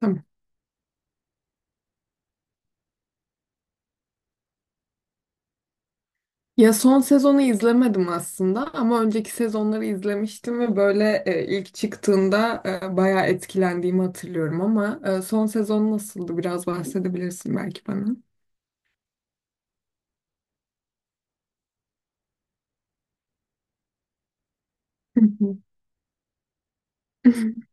Tamam. Ya son sezonu izlemedim aslında ama önceki sezonları izlemiştim ve böyle ilk çıktığında bayağı etkilendiğimi hatırlıyorum ama son sezon nasıldı? Biraz bahsedebilirsin belki bana.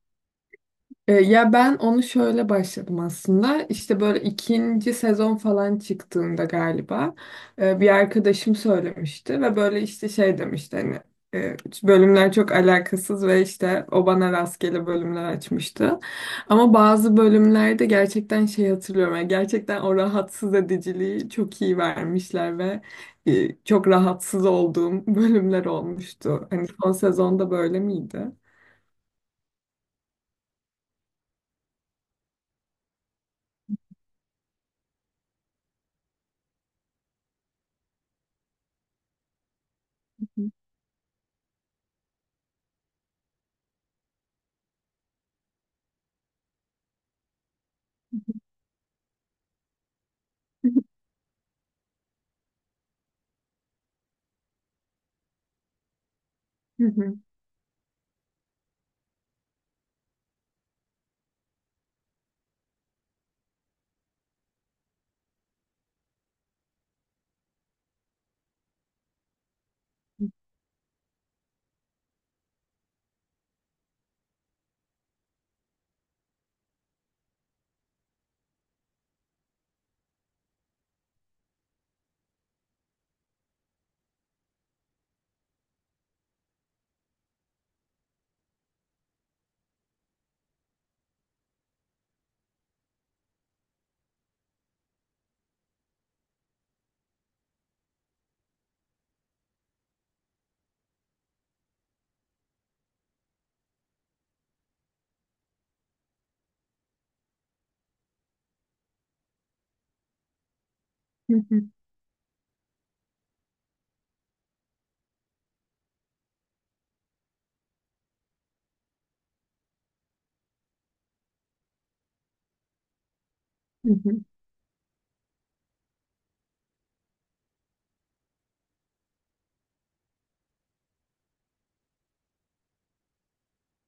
Ya ben onu şöyle başladım aslında. İşte böyle ikinci sezon falan çıktığında galiba bir arkadaşım söylemişti ve böyle işte şey demişti hani e, bölümler çok alakasız ve işte o bana rastgele bölümler açmıştı. Ama bazı bölümlerde gerçekten şey hatırlıyorum. Yani gerçekten o rahatsız ediciliği çok iyi vermişler ve çok rahatsız olduğum bölümler olmuştu. Hani son sezonda böyle miydi?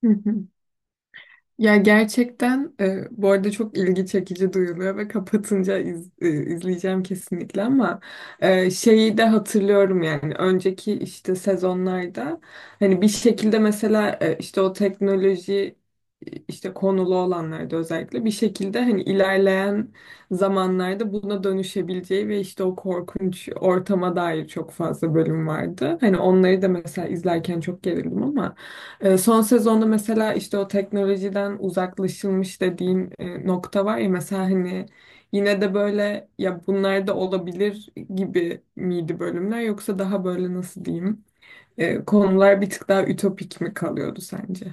Hı hı. Ya gerçekten bu arada çok ilgi çekici duyuluyor ve kapatınca izleyeceğim kesinlikle ama şeyi de hatırlıyorum yani önceki işte sezonlarda hani bir şekilde mesela işte o teknoloji işte konulu olanlarda özellikle bir şekilde hani ilerleyen zamanlarda buna dönüşebileceği ve işte o korkunç ortama dair çok fazla bölüm vardı. Hani onları da mesela izlerken çok gerildim ama son sezonda mesela işte o teknolojiden uzaklaşılmış dediğim nokta var ya mesela hani yine de böyle ya bunlar da olabilir gibi miydi bölümler yoksa daha böyle nasıl diyeyim konular bir tık daha ütopik mi kalıyordu sence?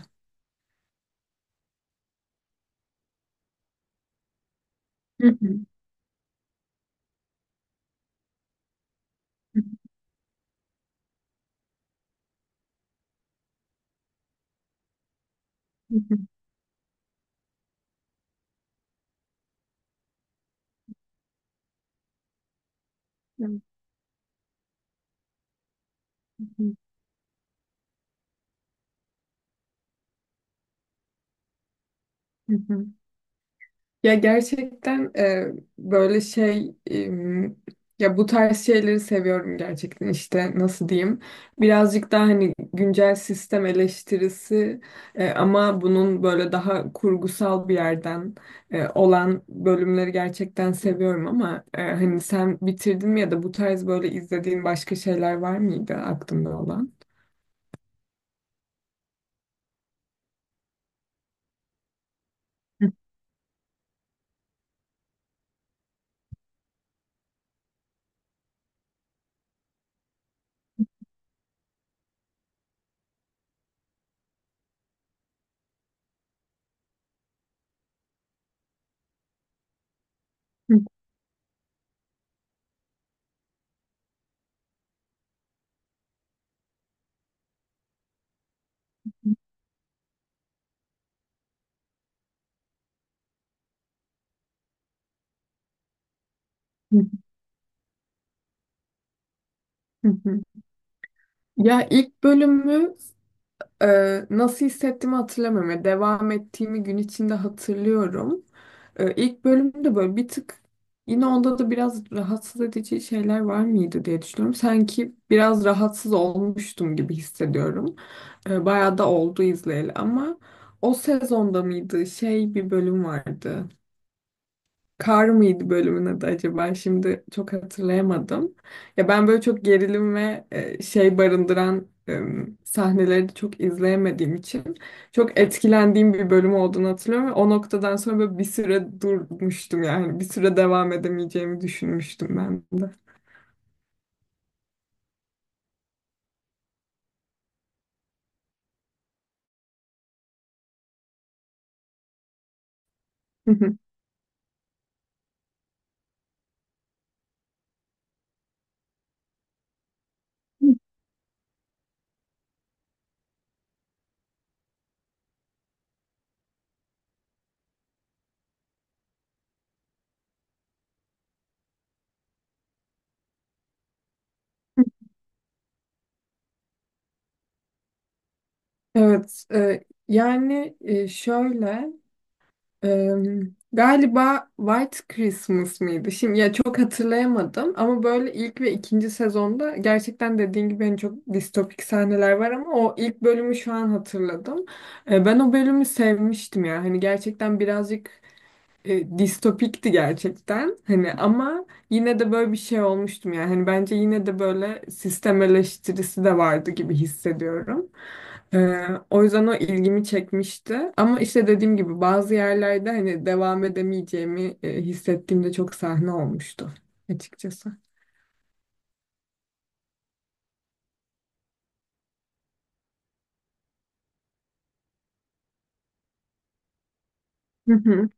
Ya gerçekten böyle şey ya bu tarz şeyleri seviyorum gerçekten işte nasıl diyeyim birazcık daha hani güncel sistem eleştirisi ama bunun böyle daha kurgusal bir yerden olan bölümleri gerçekten seviyorum ama hani sen bitirdin mi ya da bu tarz böyle izlediğin başka şeyler var mıydı aklında olan? Ya ilk bölümü nasıl hissettiğimi hatırlamıyorum. Yani devam ettiğimi gün içinde hatırlıyorum. İlk bölümde böyle bir tık yine onda da biraz rahatsız edici şeyler var mıydı diye düşünüyorum. Sanki biraz rahatsız olmuştum gibi hissediyorum. Bayağı da oldu izleyeli ama o sezonda mıydı? Şey bir bölüm vardı. Kar mıydı bölümün adı acaba? Şimdi çok hatırlayamadım. Ya ben böyle çok gerilim ve şey barındıran sahneleri de çok izleyemediğim için çok etkilendiğim bir bölüm olduğunu hatırlıyorum ve o noktadan sonra böyle bir süre durmuştum yani bir süre devam edemeyeceğimi düşünmüştüm ben de. Evet, yani şöyle Eee, galiba White Christmas mıydı? Şimdi ya çok hatırlayamadım ama böyle ilk ve ikinci sezonda gerçekten dediğin gibi hani çok distopik sahneler var ama o ilk bölümü şu an hatırladım. Ben o bölümü sevmiştim ya. Hani gerçekten birazcık distopikti gerçekten. Hani ama yine de böyle bir şey olmuştum yani. Hani bence yine de böyle sistem eleştirisi de vardı gibi hissediyorum. O yüzden o ilgimi çekmişti. Ama işte dediğim gibi bazı yerlerde hani devam edemeyeceğimi hissettiğimde çok sahne olmuştu açıkçası. Hı hı.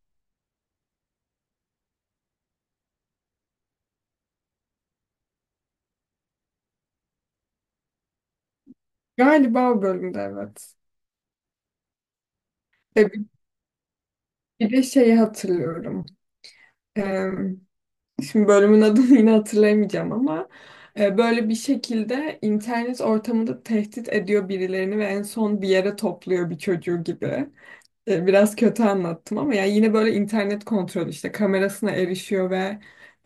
Galiba o bölümde evet. E, bir bir de şeyi hatırlıyorum. Şimdi bölümün adını yine hatırlayamayacağım ama böyle bir şekilde internet ortamında tehdit ediyor birilerini ve en son bir yere topluyor bir çocuğu gibi. Biraz kötü anlattım ama yani yine böyle internet kontrolü işte kamerasına erişiyor ve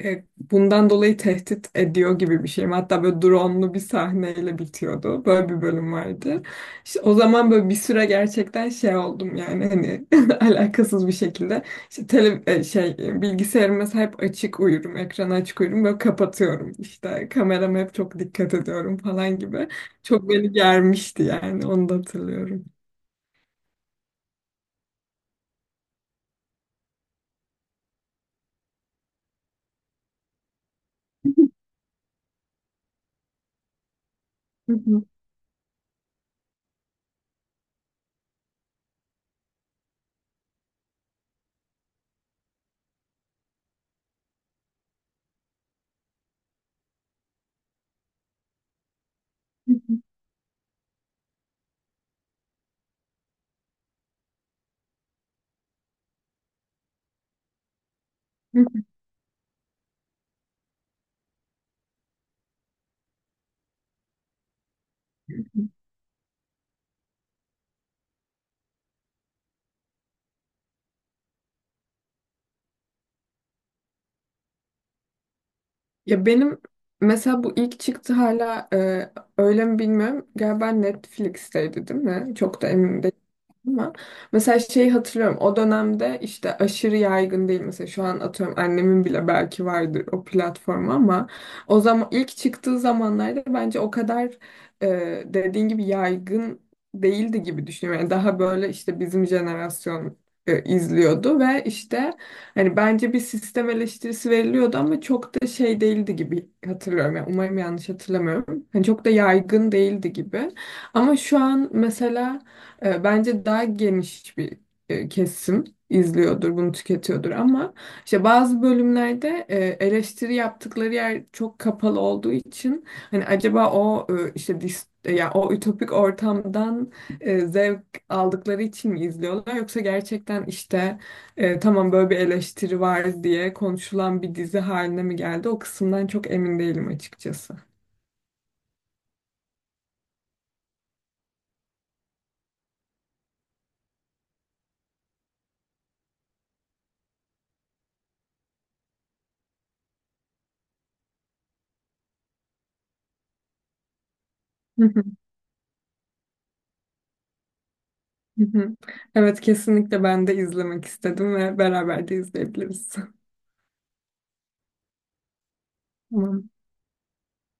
bundan dolayı tehdit ediyor gibi bir şey. Hatta böyle drone'lu bir sahneyle bitiyordu. Böyle bir bölüm vardı. İşte o zaman böyle bir süre gerçekten şey oldum yani hani alakasız bir şekilde işte tele, e, şey e, bilgisayarıma hep açık uyurum, ekranı açık uyurum böyle kapatıyorum. İşte kamerama hep çok dikkat ediyorum falan gibi. Çok beni germişti yani onu da hatırlıyorum. Ya benim mesela bu ilk çıktı hala öyle mi bilmiyorum. Galiba Netflix'teydi değil mi? Çok da emin değilim ama. Mesela şeyi hatırlıyorum. O dönemde işte aşırı yaygın değil. Mesela şu an atıyorum annemin bile belki vardır o platform ama o zaman ilk çıktığı zamanlarda bence o kadar dediğin gibi yaygın değildi gibi düşünüyorum. Yani daha böyle işte bizim jenerasyon izliyordu ve işte hani bence bir sistem eleştirisi veriliyordu ama çok da şey değildi gibi hatırlıyorum. Yani umarım yanlış hatırlamıyorum. Hani çok da yaygın değildi gibi. Ama şu an mesela bence daha geniş bir kesim izliyordur, bunu tüketiyordur ama işte bazı bölümlerde eleştiri yaptıkları yer çok kapalı olduğu için hani acaba o işte ya o ütopik ortamdan zevk aldıkları için mi izliyorlar yoksa gerçekten işte tamam böyle bir eleştiri var diye konuşulan bir dizi haline mi geldi? O kısımdan çok emin değilim açıkçası. Hı hı, hı hı. Evet kesinlikle ben de izlemek istedim ve beraber de izleyebiliriz. Tamam.